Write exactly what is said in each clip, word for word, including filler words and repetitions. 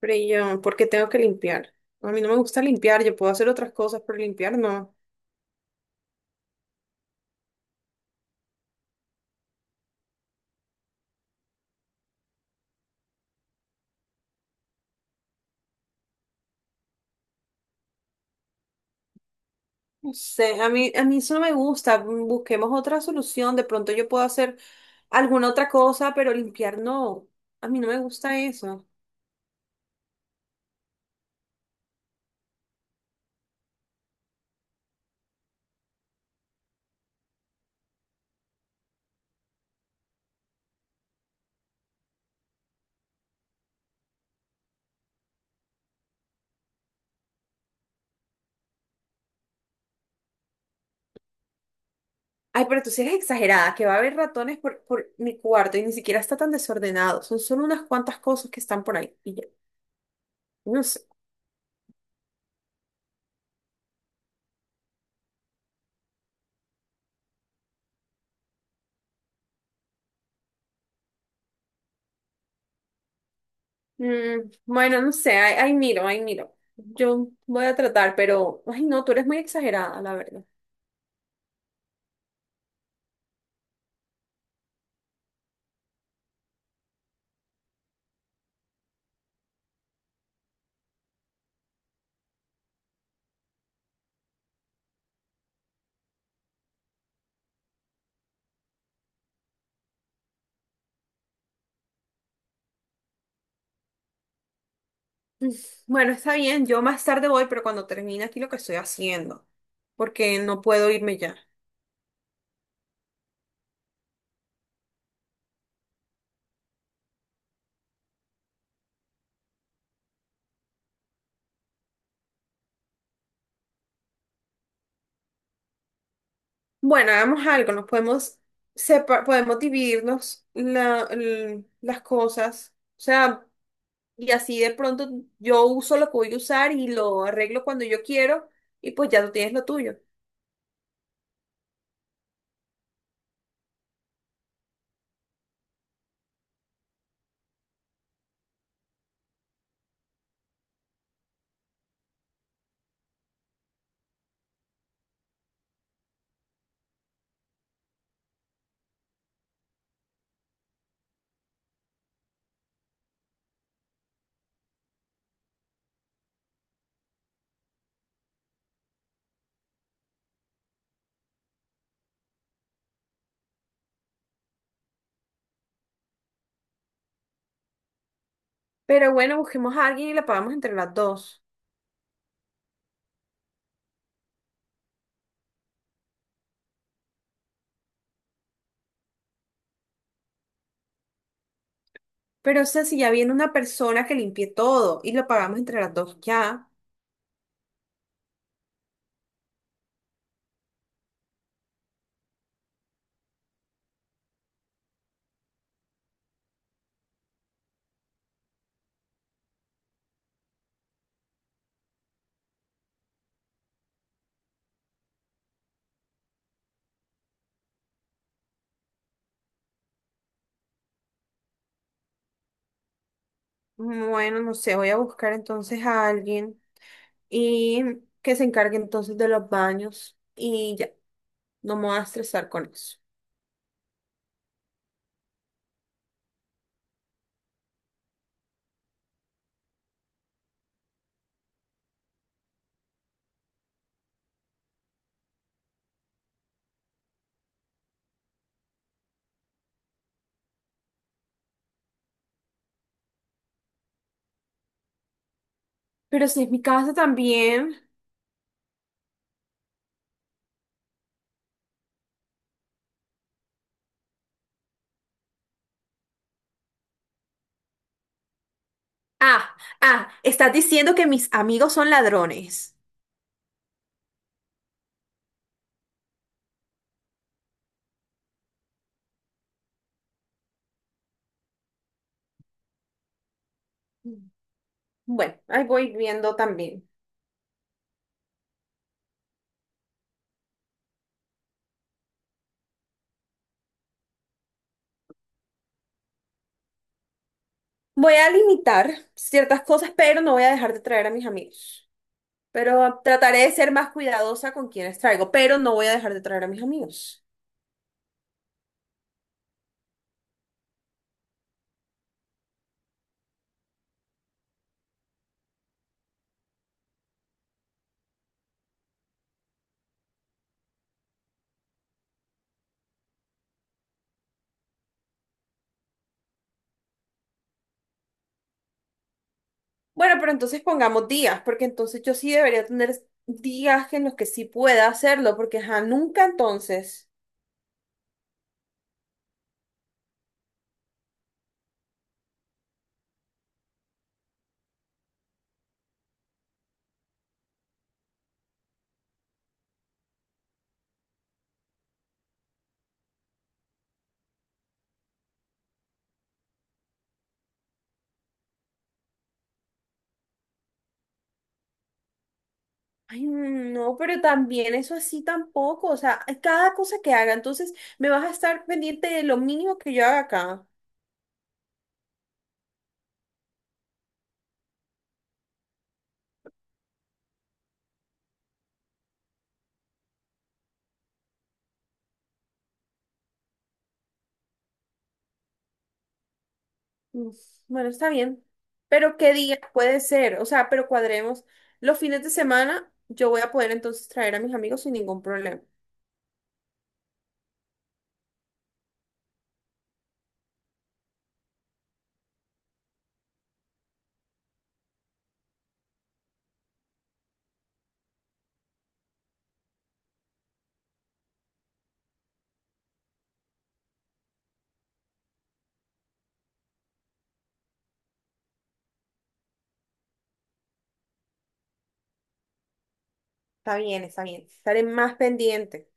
Freya, ¿por qué tengo que limpiar? A mí no me gusta limpiar, yo puedo hacer otras cosas, pero limpiar no. No sé, a mí, a mí eso no me gusta. mm, Busquemos otra solución. De pronto yo puedo hacer alguna otra cosa, pero limpiar no. A mí no me gusta eso. Ay, pero tú sí eres exagerada, que va a haber ratones por, por mi cuarto y ni siquiera está tan desordenado. Son solo unas cuantas cosas que están por ahí. Y ya, no sé. Mm, bueno, no sé, ahí, ahí miro, ahí miro. Yo voy a tratar, pero, ay, no, tú eres muy exagerada, la verdad. Mm, Bueno, está bien, yo más tarde voy, pero cuando termine aquí lo que estoy haciendo, porque no puedo irme ya. Bueno, hagamos algo, nos podemos sepa- podemos dividirnos la- l- las cosas, o sea, y así de pronto yo uso lo que voy a usar y lo arreglo cuando yo quiero, y pues ya tú tienes lo tuyo. Pero bueno, busquemos a alguien y la pagamos entre las dos. Pero o sea, si ya viene una persona que limpie todo y lo pagamos entre las dos ya, bueno, no sé, voy a buscar entonces a alguien. Y que se encargue entonces de los baños y ya, no me voy a estresar con eso. Pero si es mi casa también. Ah, ah, estás diciendo que mis amigos son ladrones. Bueno, ahí voy viendo también. Voy a limitar ciertas cosas, pero no voy a dejar de traer a mis amigos. Pero trataré de ser más cuidadosa con quienes traigo, pero no voy a dejar de traer a mis amigos. Bueno, pero entonces pongamos días, porque entonces yo sí debería tener días en los que sí pueda hacerlo, porque ajá, nunca entonces. Ay, no, pero también eso así tampoco, o sea, cada cosa que haga, entonces me vas a estar pendiente de lo mínimo que yo haga acá. Uf, bueno, está bien, pero ¿qué día puede ser? O sea, pero cuadremos. Los fines de semana yo voy a poder entonces traer a mis amigos sin ningún problema. Está bien, está bien, estaré más pendiente.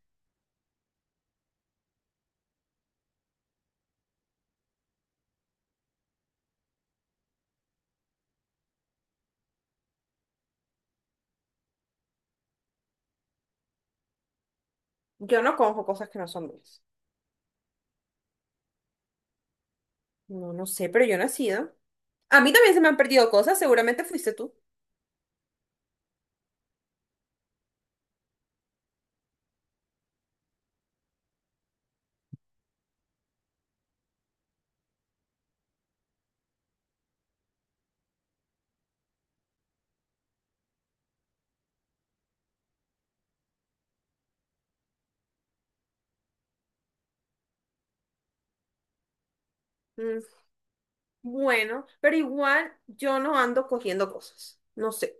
Yo no cojo cosas que no son mías. No, no sé, pero yo no he sido. A mí también se me han perdido cosas, seguramente fuiste tú. Mm, Bueno, pero igual yo no ando cogiendo cosas, no sé.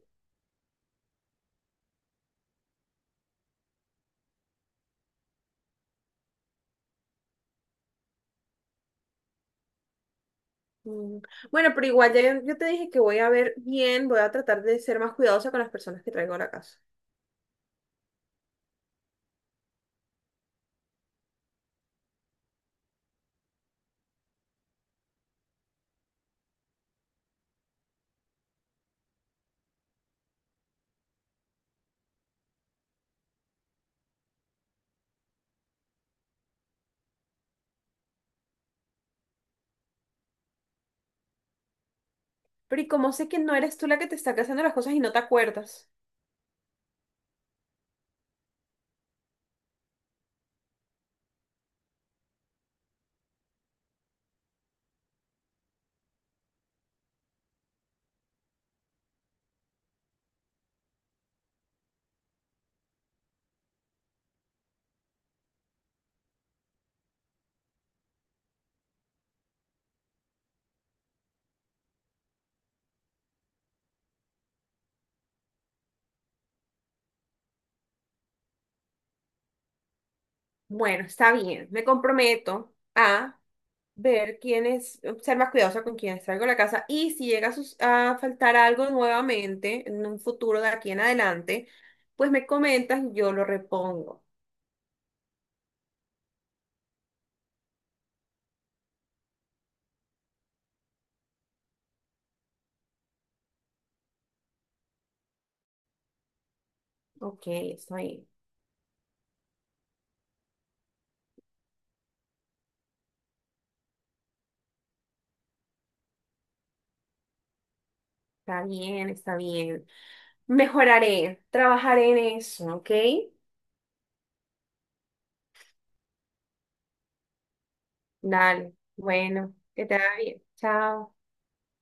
Mm, Bueno, pero igual ya yo, yo te dije que voy a ver bien, voy a tratar de ser más cuidadosa con las personas que traigo a la casa. Pero y como sé que no eres tú la que te está haciendo las cosas y no te acuerdas. Bueno, está bien. Me comprometo a ver quién es, ser más cuidadosa con quienes traigo a la casa y si llega a, sus- a faltar algo nuevamente en un futuro de aquí en adelante, pues me comentas y yo lo repongo. Ok, está bien, está bien, está bien. Mejoraré, trabajaré en eso, ¿ok? Dale, bueno, que te vaya bien. Chao.